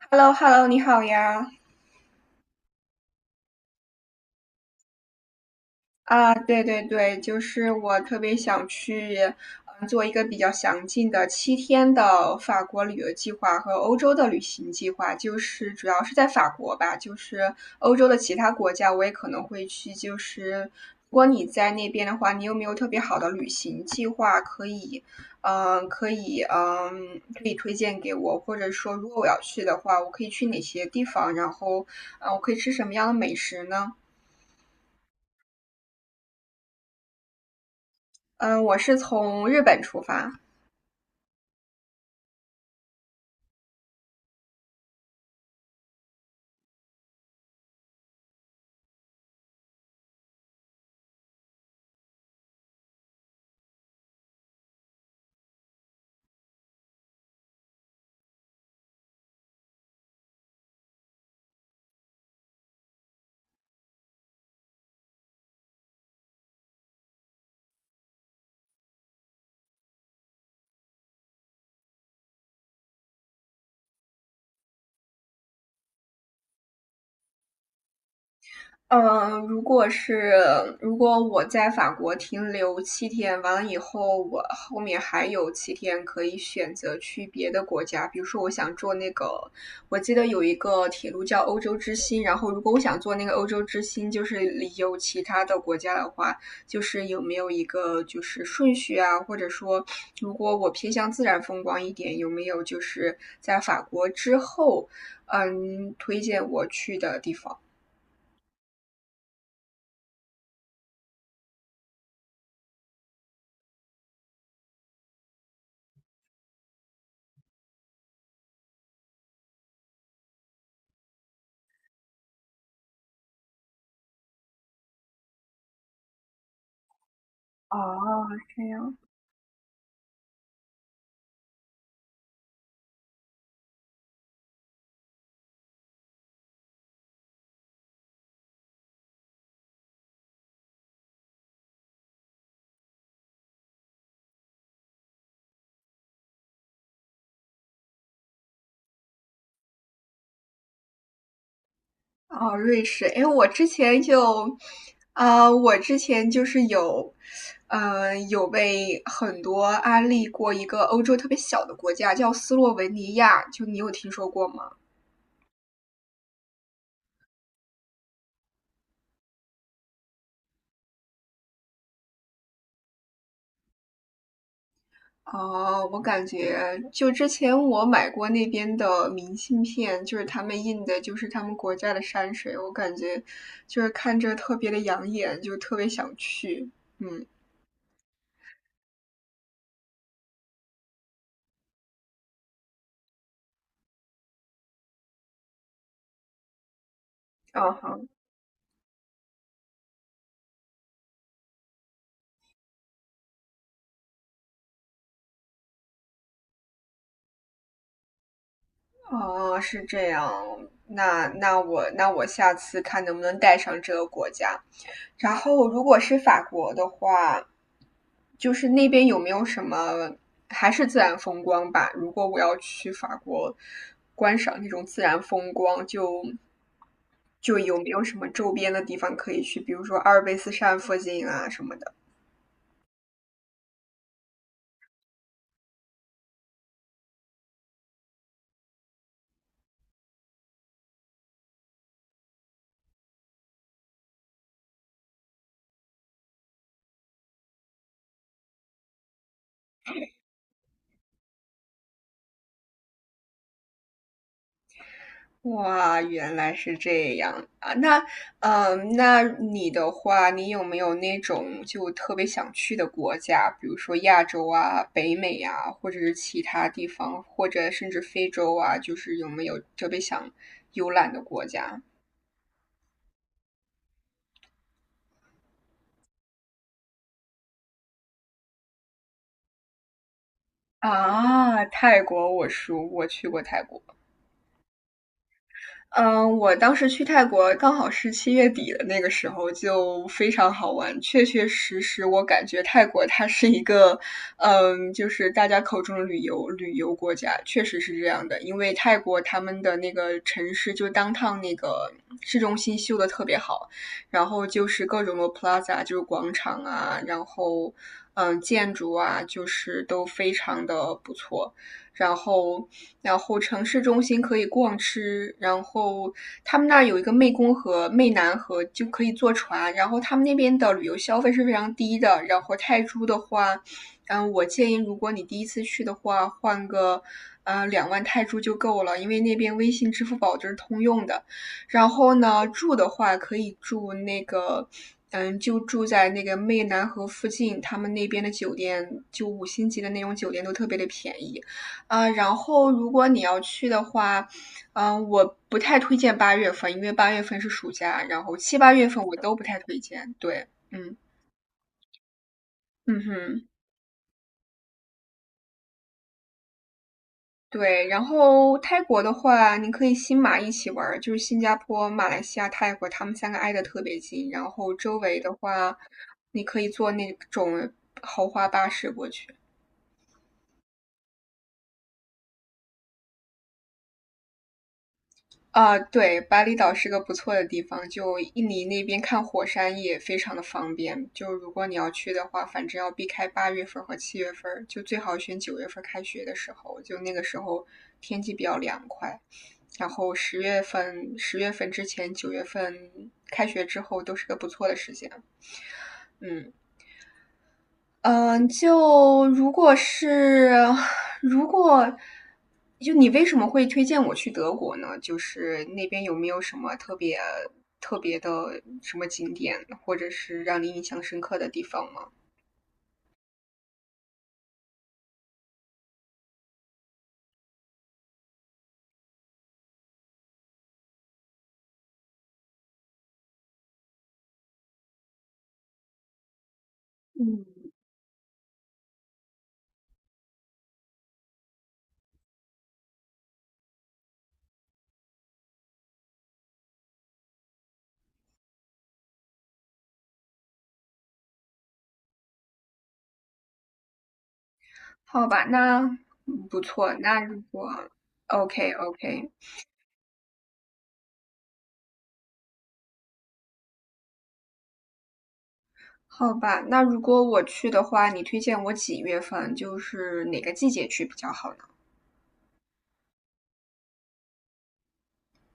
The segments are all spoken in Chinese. h e l l o h e l l o 你好呀！啊，对对对，就是我特别想去，做一个比较详尽的七天的法国旅游计划和欧洲的旅行计划，就是主要是在法国吧，就是欧洲的其他国家我也可能会去。就是如果你在那边的话，你有没有特别好的旅行计划可以推荐给我，或者说如果我要去的话，我可以去哪些地方，然后，我可以吃什么样的美食呢？嗯，我是从日本出发。嗯，如果是如果我在法国停留七天，完了以后，我后面还有七天可以选择去别的国家，比如说我想坐那个，我记得有一个铁路叫欧洲之星，然后如果我想坐那个欧洲之星，就是有其他的国家的话，就是有没有一个就是顺序啊，或者说如果我偏向自然风光一点，有没有就是在法国之后，推荐我去的地方？哦，这样。哦，瑞士，哎，我之前就，啊、我之前就是有，有被很多安利过一个欧洲特别小的国家，叫斯洛文尼亚，就你有听说过吗？哦，我感觉就之前我买过那边的明信片，就是他们印的，就是他们国家的山水，我感觉就是看着特别的养眼，就特别想去，嗯，啊好。哦，是这样。那我下次看能不能带上这个国家。然后，如果是法国的话，就是那边有没有什么还是自然风光吧？如果我要去法国观赏那种自然风光，就有没有什么周边的地方可以去，比如说阿尔卑斯山附近啊什么的。哇，原来是这样啊！那你的话，你有没有那种就特别想去的国家，比如说亚洲啊、北美啊，或者是其他地方，或者甚至非洲啊，就是有没有特别想游览的国家。啊？泰国，我熟，我去过泰国。嗯，我当时去泰国刚好是7月底的那个时候，就非常好玩。确确实实，我感觉泰国它是一个，就是大家口中的旅游国家，确实是这样的。因为泰国他们的那个城市，就当趟那个市中心修的特别好，然后就是各种的 plaza，就是广场啊，然后建筑啊，就是都非常的不错。然后然后城市中心可以逛吃，然后他们那儿有一个湄公河、湄南河，就可以坐船。然后他们那边的旅游消费是非常低的。然后泰铢的话，我建议如果你第一次去的话，换个2万泰铢就够了，因为那边微信、支付宝就是通用的。然后呢，住的话可以住那个，就住在那个湄南河附近，他们那边的酒店就5星级的那种酒店都特别的便宜。啊，然后如果你要去的话，我不太推荐八月份，因为八月份是暑假，然后7、8月份我都不太推荐。对，嗯嗯哼，对。然后泰国的话，你可以新马一起玩儿，就是新加坡、马来西亚、泰国，他们3个挨得特别近。然后周围的话，你可以坐那种豪华巴士过去。啊，对，巴厘岛是个不错的地方，就印尼那边看火山也非常的方便。就如果你要去的话，反正要避开8月份和7月份，就最好选九月份开学的时候，就那个时候天气比较凉快。然后十月份，十月份之前，九月份开学之后都是个不错的时间。嗯。嗯，就如果是 如果就你为什么会推荐我去德国呢？就是那边有没有什么特别特别的什么景点，或者是让你印象深刻的地方吗？好吧，那不错。那OK OK，好吧，那如果我去的话，你推荐我几月份？就是哪个季节去比较好呢？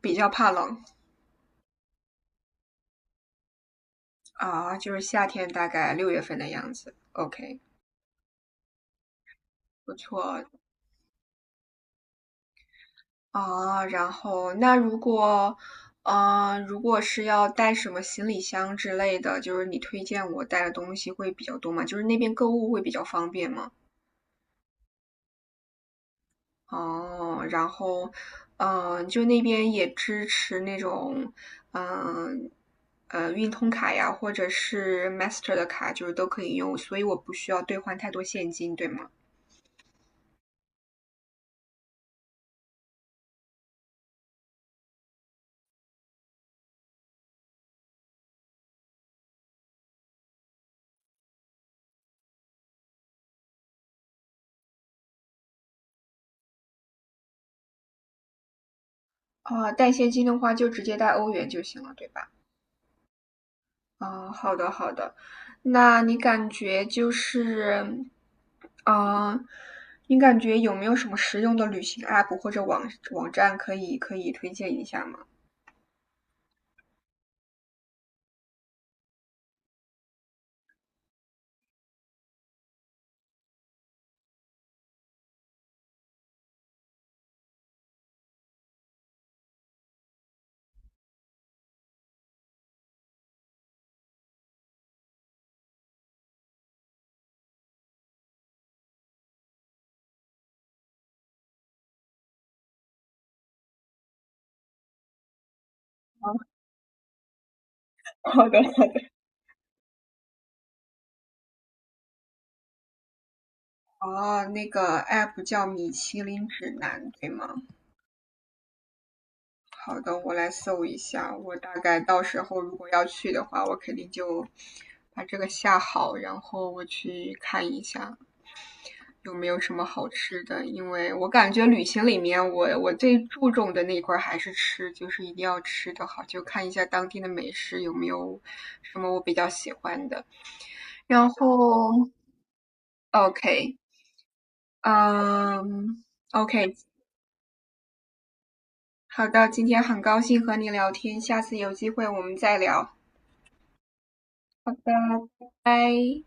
比较怕冷。啊，就是夏天大概6月份的样子。OK，不错。啊，然后那如果，嗯呃，如果是要带什么行李箱之类的，就是你推荐我带的东西会比较多嘛？就是那边购物会比较方便嘛？哦，然后，就那边也支持那种，嗯、运通卡呀，或者是 Master 的卡，就是都可以用，所以我不需要兑换太多现金，对吗？啊、带现金的话就直接带欧元就行了，对吧？哦，好的好的，那你感觉就是，嗯，你感觉有没有什么实用的旅行 app 或者网站可以推荐一下吗？好的，好的，哦，那个 app 叫米其林指南，对吗？好的，我来搜一下，我大概到时候如果要去的话，我肯定就把这个下好，然后我去看一下。有没有什么好吃的？因为我感觉旅行里面我，我最注重的那一块儿还是吃，就是一定要吃的好，就看一下当地的美食有没有什么我比较喜欢的。然后，OK，嗯，OK，好的，今天很高兴和你聊天，下次有机会我们再聊，拜拜。